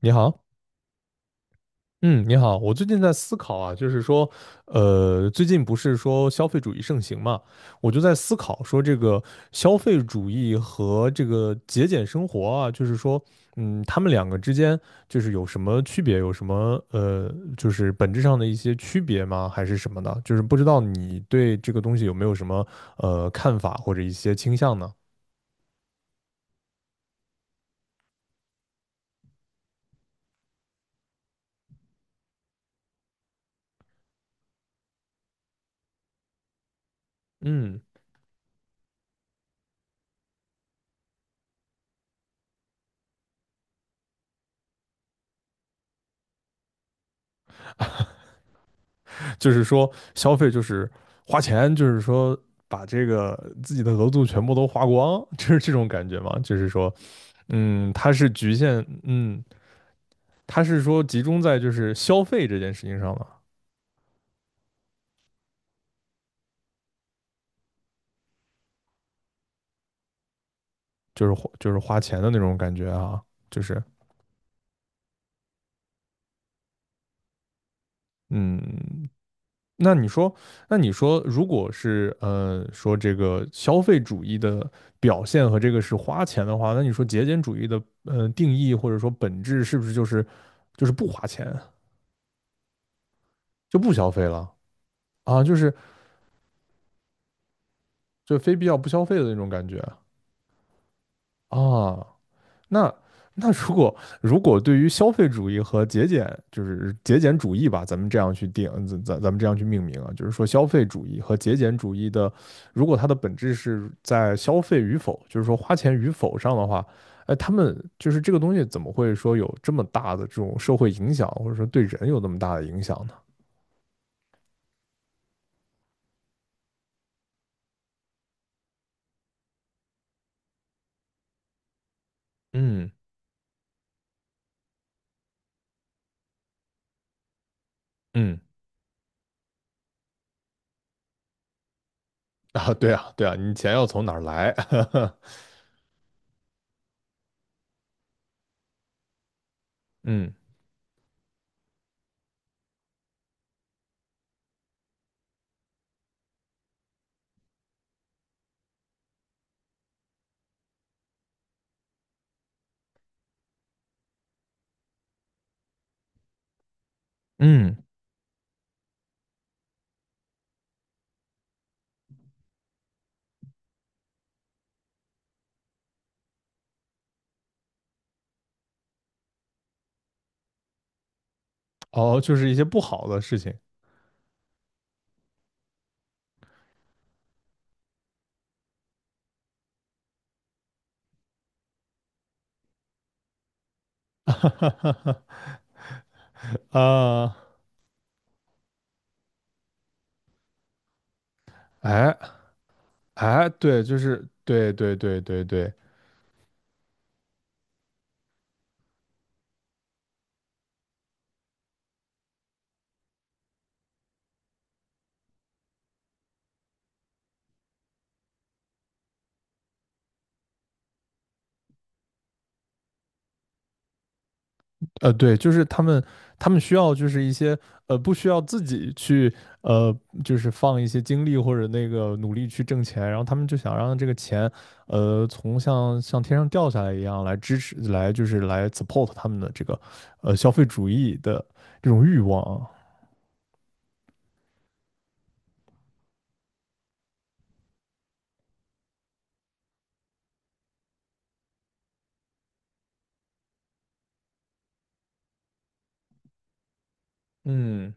你好，嗯，你好。我最近在思考啊，就是说，呃，最近不是说消费主义盛行嘛，我就在思考说，这个消费主义和这个节俭生活啊，就是说，他们两个之间就是有什么区别，有什么就是本质上的一些区别吗？还是什么的？就是不知道你对这个东西有没有什么看法或者一些倾向呢？嗯就是说消费就是花钱，就是说把这个自己的额度全部都花光，就是这种感觉嘛。就是说，它是局限，它是说集中在就是消费这件事情上了，就是花钱的那种感觉啊，就是嗯。那你说，那你说，如果是说这个消费主义的表现和这个是花钱的话，那你说节俭主义的定义或者说本质是不是就是不花钱？就不消费了啊，就是就非必要不消费的那种感觉啊。那那如果对于消费主义和节俭，就是节俭主义吧，咱们这样去定，咱们这样去命名啊，就是说消费主义和节俭主义的，如果它的本质是在消费与否，就是说花钱与否上的话，哎，他们就是这个东西怎么会说有这么大的这种社会影响，或者说对人有那么大的影响呢？嗯嗯啊。对啊对啊，你钱要从哪儿来？嗯嗯。哦，就是一些不好的事情。哈哈哈哈。啊，哎哎，对，就是对对对对对。对，就是他们需要就是一些不需要自己去呃就是放一些精力或者那个努力去挣钱，然后他们就想让这个钱从像天上掉下来一样来支持来就是来 support 他们的这个消费主义的这种欲望啊。嗯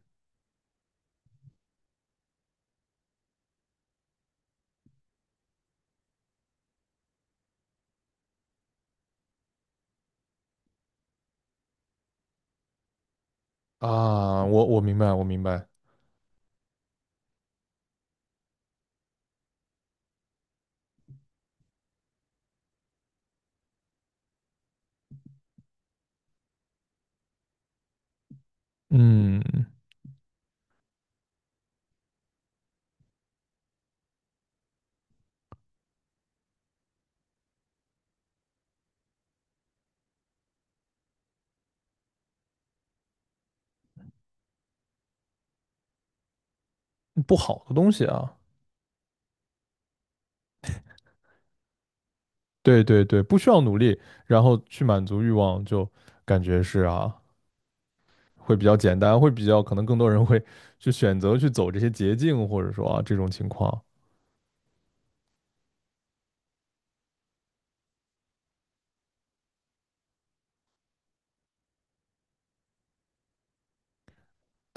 啊，我明白我明白。嗯，不好的东西啊。对对对，不需要努力，然后去满足欲望，就感觉是啊，会比较简单，会比较可能更多人会去选择去走这些捷径，或者说啊这种情况。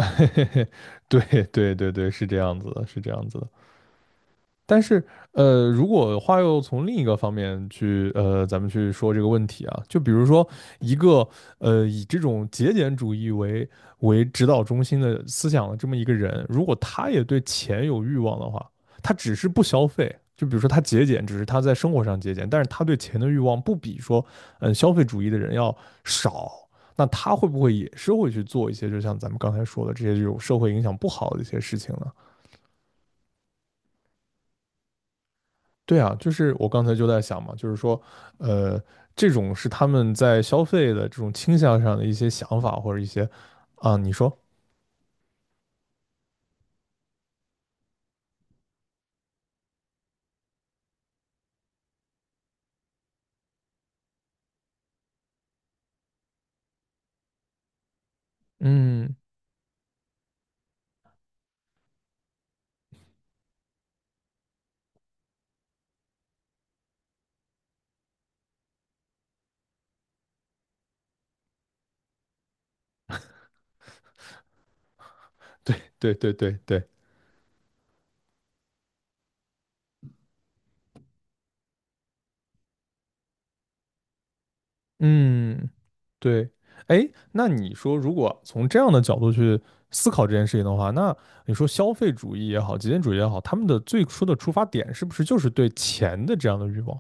对对对对，是这样子的，是这样子的。但是，如果话又从另一个方面去，咱们去说这个问题啊，就比如说一个，以这种节俭主义为指导中心的思想的这么一个人，如果他也对钱有欲望的话，他只是不消费，就比如说他节俭，只是他在生活上节俭，但是他对钱的欲望不比说，消费主义的人要少，那他会不会也是会去做一些，就像咱们刚才说的这些这种社会影响不好的一些事情呢？对啊，就是我刚才就在想嘛，就是说，呃，这种是他们在消费的这种倾向上的一些想法或者一些，啊，你说。嗯，对对对对对。嗯，对。哎，那你说，如果从这样的角度去思考这件事情的话，那你说消费主义也好，极简主义也好，他们的最初的出发点是不是就是对钱的这样的欲望？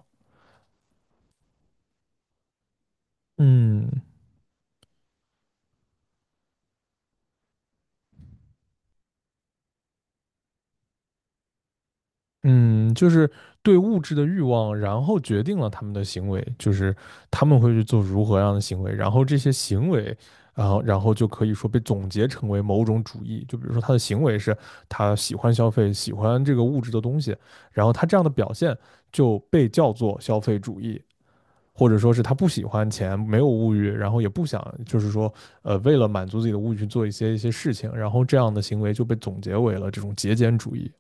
嗯嗯，就是对物质的欲望，然后决定了他们的行为，就是他们会去做如何样的行为，然后这些行为，然后就可以说被总结成为某种主义。就比如说他的行为是他喜欢消费，喜欢这个物质的东西，然后他这样的表现就被叫做消费主义，或者说是他不喜欢钱，没有物欲，然后也不想就是说为了满足自己的物欲去做一些事情，然后这样的行为就被总结为了这种节俭主义。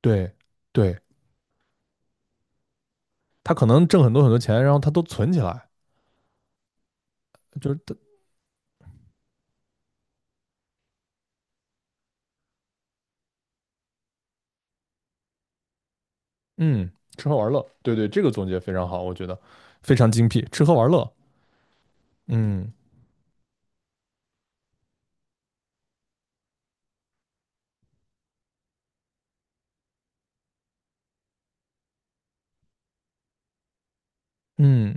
对，对。他可能挣很多很多钱，然后他都存起来，就是他嗯，吃喝玩乐，对对，这个总结非常好，我觉得非常精辟，吃喝玩乐。嗯嗯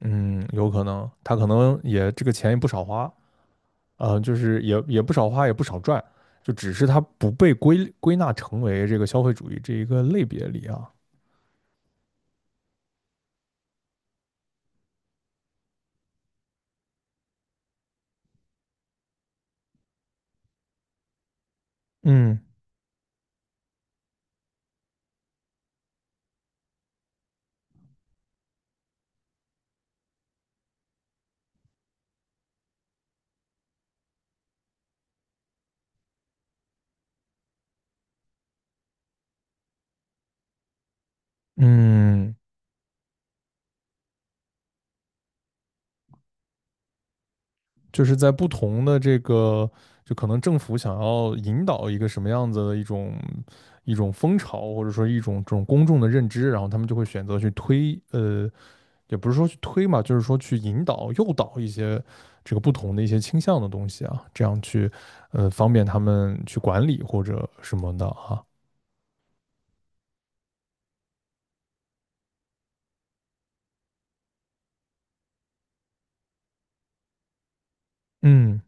嗯，有可能他可能也这个钱也不少花，就是也不少花，也不少赚，就只是他不被归纳成为这个消费主义这一个类别里啊。嗯嗯。就是在不同的这个，就可能政府想要引导一个什么样子的一种风潮，或者说一种这种公众的认知，然后他们就会选择去推，也不是说去推嘛，就是说去引导、诱导一些这个不同的一些倾向的东西啊，这样去，方便他们去管理或者什么的啊。嗯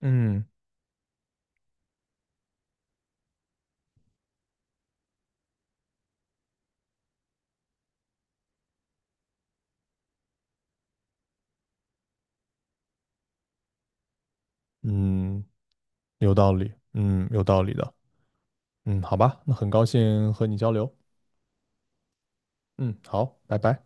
嗯嗯，有道理，嗯，有道理的。嗯，好吧，那很高兴和你交流。嗯，好，拜拜。